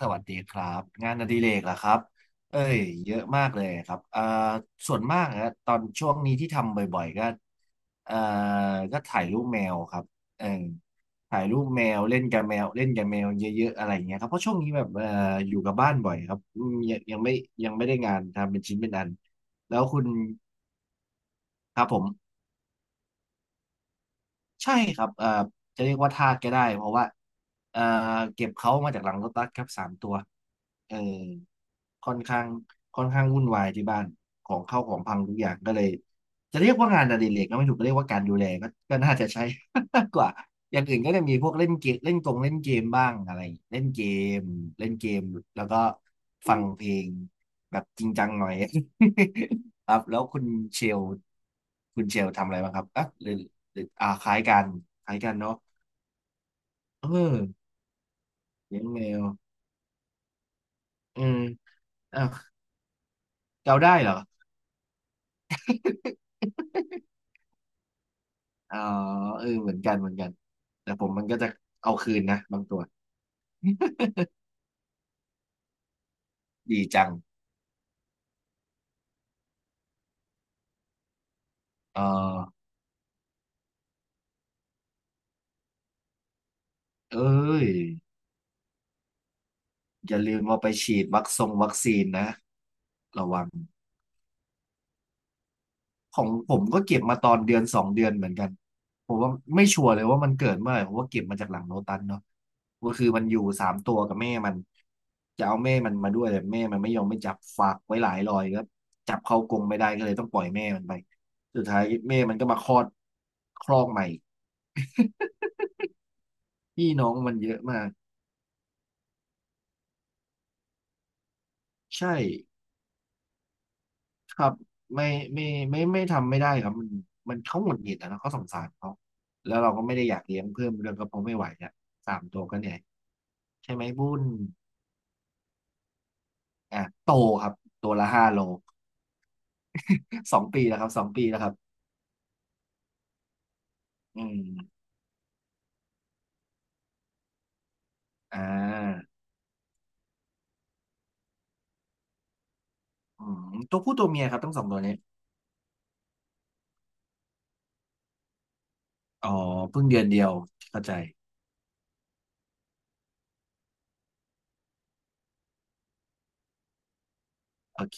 สวัสดีครับงานอดิเรกเหรอครับเอ้ยเยอะมากเลยครับเอ่าส่วนมากอะตอนช่วงนี้ที่ทำบ่อยๆก็เอ่อก็ถ่ายรูปแมวครับเออถ่ายรูปแมวเล่นกับแมวเยอะๆอะไรอย่างเงี้ยครับเพราะช่วงนี้แบบอยู่กับบ้านบ่อยครับอืมยังไม่ไม่ได้งานทำเป็นชิ้นเป็นอันแล้วคุณครับผม ใช่ครับจะเรียกว่าทาสก็ได้เพราะว่าเอ่อเก็บเขามาจากหลังรถบัสครับสามตัวเออค่อนข้างวุ่นวายที่บ้านของเข้าของพังทุกอย่างก็เลยจะเรียกว่างานอดิเรกก็ไม่ถูกก็เรียกว่าการดูแลก็น่าจะใช้ กกว่าอย่างอื่นก็จะมีพวกเล่นเกมเล่นเกมบ้างอะไรเล่นเกมเล่นเกมแล้วก็ฟังเพลงแบบจริงจังหน่อย ครับแล้วคุณเชลทำอะไรบ้างครับอ่ะ หรืออ่าคล้ายกันคล้ายกันเนาะเออเลี้ยงแมวอืมอ่ะเกาได้เหรออ๋อเออเหมือนกันเหมือนกันแต่ผมมันก็จะเอาคืนนะบางตัวดีจังเออเอ้ยอย่าลืมเอาไปฉีดวัคซีนนะระวัง ของผมก็เก็บมาตอนเดือนสองเดือนเหมือนกันผมว่าไม่ชัวร์เลยว่ามันเกิดเมื่อไหร่ผมว่าเก็บมาจากหลังโลตัสเนาะก็คือมันอยู่สามตัวกับแม่มันจะเอาแม่มันมาด้วยแต่แม่มันไม่ยอมไม่จับฝากไว้หลายรอยก็จับเข้ากรงไม่ได้ก็เลยต้องปล่อยแม่มันไปสุดท้ายแม่มันก็มาคลอดคลอกใหม่พี่น้องมันเยอะมากใช่ ครับไม่ไม่ไม่ทำไม่ได้ครับมันเขาหงุดหงิดอะนะเขาสงสารเขาแล้วเราก็ไม่ได้อยากเลี้ยงเพิ่มเรื่องก็เพราะไม่ไหวอ่ะสามตัวก็เหนื่อยใช่ไหมบุญอ่ะโตครับตัวละห้าโล สองปีแล้วครับสองปีแล้วครับอืมอ่าอืมตัวผู้ตัวเมียครับทั้งสองตัวนี้อ๋อเพิ่งเดือนเดียวเข้าใจโอเค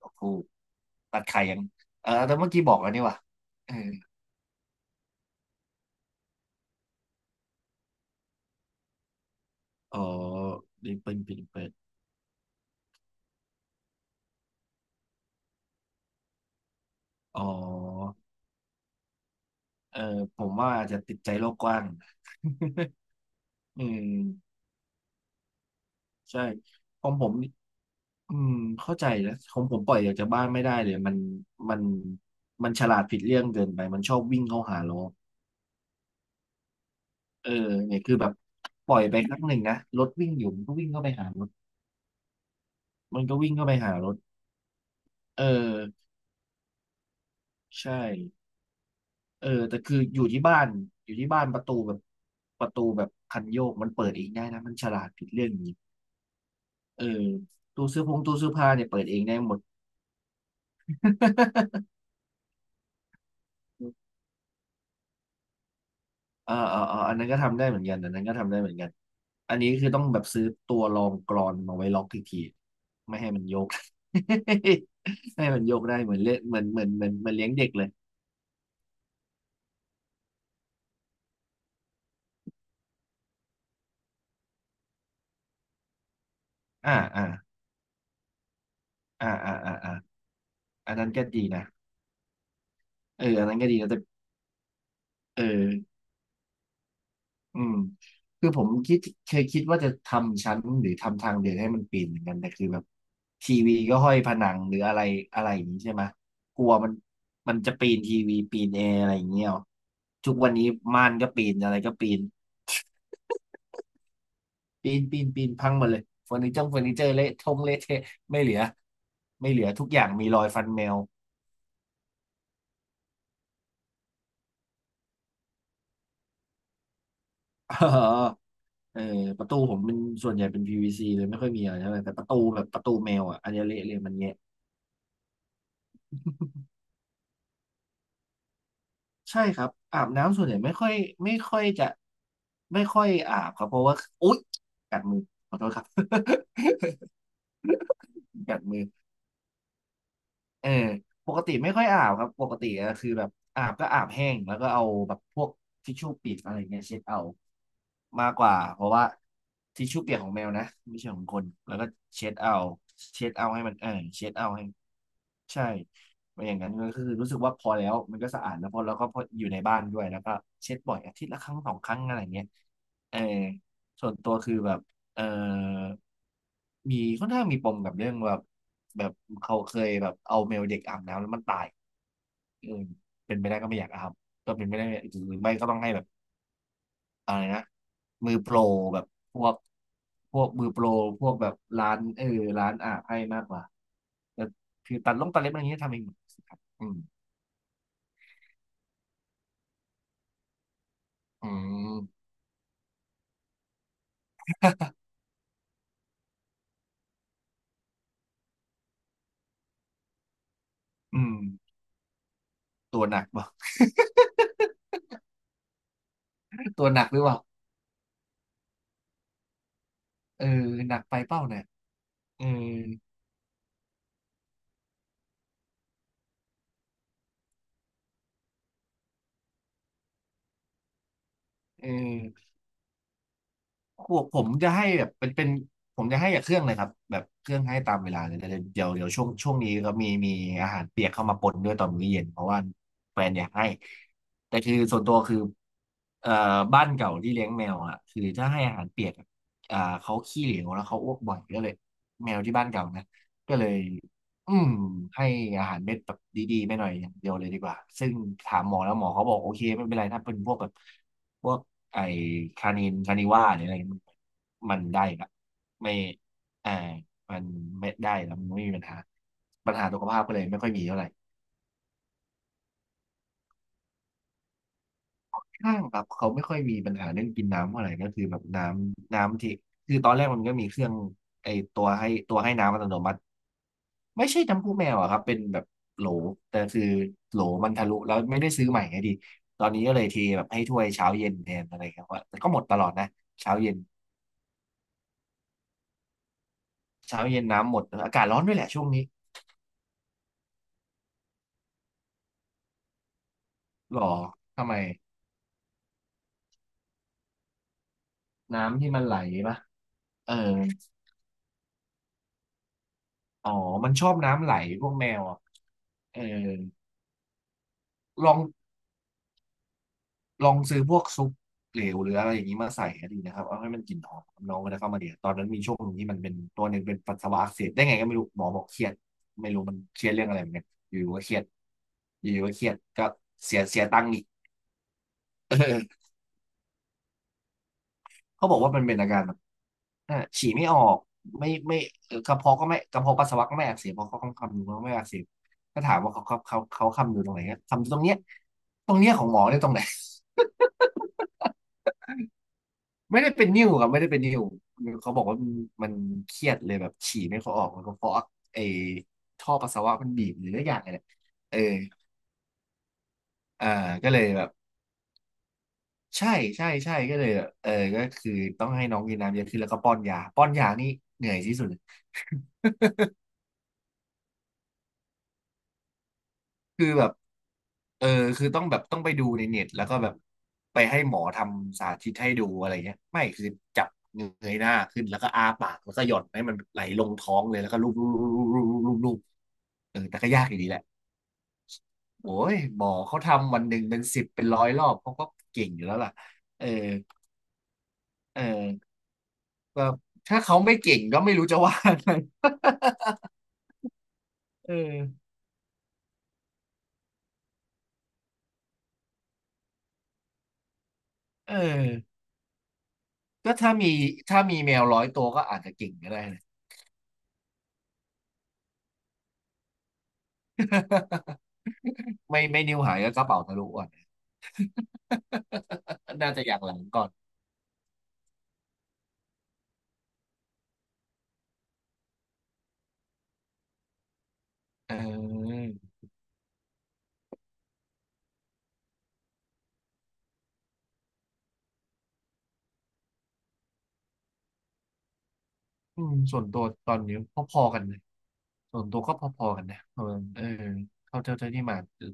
ตัวผู้ตัดไข่ยังเออแต่เมื่อกี้บอกแล้วนี่ว่ะเอออ๋อดิเปิลปิลเปิลอ๋อ เออผมว่าอาจจะติดใจโลกกว้าง อืมใช่ของผมนี่อืมเข้าใจนะของผมปล่อยออกจากบ้านไม่ได้เลยมันมันฉลาดผิดเรื่องเกินไปมันชอบวิ่งเข้าหาล้อเออเนี่ยคือแบบปล่อยไปครั้งหนึ่งนะรถวิ่งอยู่มันก็วิ่งเข้าไปหารถมันก็วิ่งเข้าไปหารถเออใช่เออแต่คืออยู่ที่บ้านประตูแบบคันโยกมันเปิดเองได้นะมันฉลาดผิดเรื่องนี้เออตู้เสื้อผ้าเนี่ยเปิดเองได้หมด อ่าอ่าอาอันนั้นก็ทำได้เหมือนกันอันนั้นก็ทำได้เหมือนกันอันนี้คือต้องแบบซื้อตัวรองกลอนมาไว้ล็อกอีกทีไม่ให้มันโยก ไม่ให้มันโยกได้เหมือนเล่นเหมือนเหมือนเหมือนเหมือนเลี้ยงเด็กเลยอ่าอ่าอ่าอันนั้นก็ดีนะเอออันนั้นก็ดีนะแต่เออ อืมคือผมคิดเคยคิดว่าจะทำชั้นหรือทำทางเดินให้มันปีนเหมือนกันแต่คือแบบทีวีก็ห้อยผนังหรืออะไรอะไรอย่างนี้ใช่ไหมกลัวมันมันจะปีนทีวีปีนแอร์อะไรอย่างเงี้ยเอาทุกวันนี้ม่านก็ปีนอะไรก็ปีนปีนพังหมดเลยเฟอร์นิเจอร์เฟอร์นิเจอร์เละทงเละเทะไม่เหลือทุกอย่างมีรอยฟันแมว เออเออประตูผมเป็นส่วนใหญ่เป็น PVC เลยไม่ค่อยมีอะไรเท่าไหร่แต่ประตูแบบประตูแมวอ่ะอันเนี้เละเลยมันแงะ ใช่ครับอาบน้ำส่วนใหญ่ไม่ค่อยไม่ค่อยจะไม่ค่อยอาบครับเพราะว่าอุ๊ยกัดมือขอโทษครับ กัดมือ เออปกติไม่ค่อยอาบครับปกติก็คือแบบอาบก็อาบแห้งแล้วก็เอาแบบพวกทิชชู่เปียกอะไรเงี้ยเช็ดเอามากกว่าเพราะว่าทิชชู่เปียกของแมวนะไม่ใช่ของคนแล้วก็เช็ดเอาให้มันเออเช็ดเอาให้ใช่ไม่อย่างนั้นก็คือรู้สึกว่าพอแล้วมันก็สะอาดแล้วพอแล้วก็พออยู่ในบ้านด้วยแล้วก็เช็ดบ่อยอาทิตย์ละครั้งสองครั้งอะไรเงี้ยเออส่วนตัวคือแบบเออมีค่อนข้างมีปมกับเรื่องแบบ แบบเขาเคยแบบเอาเมลเด็กอาบน้ำแล้วมันตายอืมเป็นไปได้ก็ไม่อยากอาบก็เป็นไปได้หรือไม่ก็ต้องให้แบบอะไรนะมือโปรแบบพวกมือโปรพวกแบบร้านร้านอาบให้มากกว่าแต่คือตัดลงตัดเล็บอะไรอย่างเงี้ยทำเองหมดครับอืมอืมอืมตัวหนักบ่า ตัวหนักหรือเปล่าเออหนักไปเป้าเนี่ยเออเออ โหผมจะให้แบบเป็นผมจะให้กับเครื่องเลยครับแบบเครื่องให้ตามเวลาเลยแต่เดี๋ยวช่วงนี้ก็มีอาหารเปียกเข้ามาปนด้วยตอนมื้อเย็นเพราะว่าแฟนอยากให้แต่คือส่วนตัวคือเอ่อบ้านเก่าที่เลี้ยงแมวอ่ะคือถ้าให้อาหารเปียกอะอ่าเขาขี้เหลวแล้วเขาอ้วกบ่อยก็เลยแมวที่บ้านเก่านะก็เลยอืมให้อาหารเม็ดแบบดีๆไม่หน่อยอย่างเดียวเลยดีกว่าซึ่งถามหมอแล้วหมอเขาบอกโอเคไม่เป็นไรถ้าเป็นพวกแบบ พวกไอคานินคานิว่าหรืออะไรมันมันได้ครับไม่อ่ามันไม่ได้แล้วมันไม่มีปัญหาปัญหาสุขภาพก็เลยไม่ค่อยมีเท่าไหร่ข้างครับเขาไม่ค่อยมีปัญหาเรื่องกินน้ำเท่าไหร่ก็คือแบบน้ำที่คือตอนแรกมันก็มีเครื่องไอตัวให้น้ำอัตโนมัติไม่ใช่น้ำพุแมวอะครับเป็นแบบโหลแต่คือโหลมันทะลุแล้วไม่ได้ซื้อใหม่ไงดีตอนนี้ก็เลยเทแบบให้ถ้วยเช้าเย็นแทนอะไรครับว่าแต่ก็หมดตลอดนะเช้าเย็น เช้าเย็นน้ำหมดเอออากาศร้อนด้วยแหละช่วงนี้หรอทำไมน้ำที่มันไหลปะเอออ๋อมันชอบน้ำไหลพวกแมวอ่ะเออลองลองซื้อพวกซุปเหลวหรืออะไรอย่างนี้มาใส่ก็ดีนะครับเอาให้มันกลิ่นหอมน้องก็ได้เข้ามาเดียวตอนนั้นมีช่วงหนึ่งที่มันเป็นตัวหนึ่งเป็นปัสสาวะอักเสบได้ไงก็ไม่รู้หมอบอกเครียดไม่รู้มันเครียดเรื่องอะไรเหมือนกันอยู่ๆก็เครียดอยู่ๆก็เครียดก็เสียตังค์อีก เออ เขาบอกว่ามันเป็นอาการแบบอ่าฉี่ไม่ออกไม่กระเพาะก็ไม่กระเพาะปัสสาวะก็ไม่อักเสบเพราะเขาคำนวณว่าไม่อักเสบก็ถามว่าเขาคำนวณตรงไหนครับคำนวณตรงเนี้ยตรงเนี้ยของหมอเนี่ยตรงไหน ไม่ได้เป็นนิ่วครับไม่ได้เป็นนิ่วเขาบอกว่ามันนเครียดเลยแบบฉี่ไม่ค่อยออกมันก็เพราะไอ้ท่อปัสสาวะมันบีบหรืออะไรอย่างเงี้ยแหละเอออ่าก็เลยแบบใช่ใช่ก็เลยแบบเออก็คือต้องให้น้องกินน้ำเยอะขึ้นแล้วก็ป้อนยาป้อนยานี่เหนื่อยที่สุด คือแบบ เออคือต้องแบบต้องไปดูในเน็ตแล้วก็แบบไปให้หมอทำสาธิตให้ดูอะไรเงี้ยไม่คือจับเงยหน้าขึ้นแล้วก็อ้าปากแล้วก็หย่อนให้มันไหลลงท้องเลยแล้วก็ลูบเออแต่ก็ยากอยู่ดีแหละโอ้ยหมอเขาทำวันหนึ่งเป็นสิบเป็นร้อยรอบเขาก็เก่งอยู่แล้วล่ะเออเออก็ถ้าเขาไม่เก่งก็ไม่รู้จะว่าไงเออเออก็ถ้ามีแมวร้อยตัวก็อาจจะเก่งก็ได้นะ ไม่นิ้วหายก็กระเป๋าทะลุอ่ะ น่าจะอย่างหลังก่อนเอออืมส่วนตัวตอนนี้พอๆกันเลยส่วนตัวก็พอๆกันนะเออเออเข้าเจ้าที่มาคือ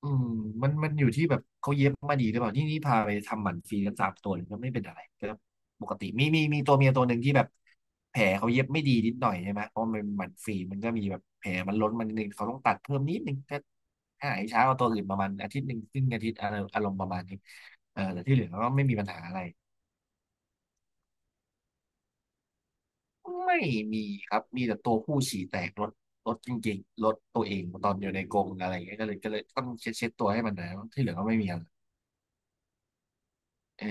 อืมมันมันอยู่ที่แบบเขาเย็บมาดีหรือเปล่านี่พาไปทำหมันฟรีกันสามตัวเลยก็ไม่เป็นอะไรก็ปกติมีตัวเมียตัวหนึ่งที่แบบแผลเขาเย็บไม่ดีนิดหน่อยใช่ไหมเพราะมันเป็นหมันฟรีมันก็มีแบบแผลมันล้นมันนดนึงเขาต้องตัดเพิ่มนิดนึงก็หายช้าเอาตัวอื่นประมาณอาทิตย์หนึ่งครึ่งอาทิตย์อะไรอารมณ์ประมาณนี้เออแต่ที่เหลือก็ไม่มีปัญหาอะไร ไม่มีครับ มีแต่ตัวผู้ฉี่แตกรถจริงๆรถตัวเองตอนอยู่ในกรงอะไรอย่างเงี้ยก็เลยก็เลยต้องเช็ดตัวให้มันหนะที่เหลือก็ไม่มีอะไรเอ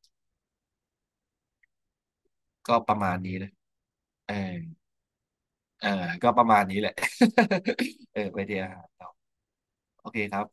อก็ประมาณนี้เลยเออเออก็ประมาณนี้แหละ เออไปเดียวครับโอเคครับ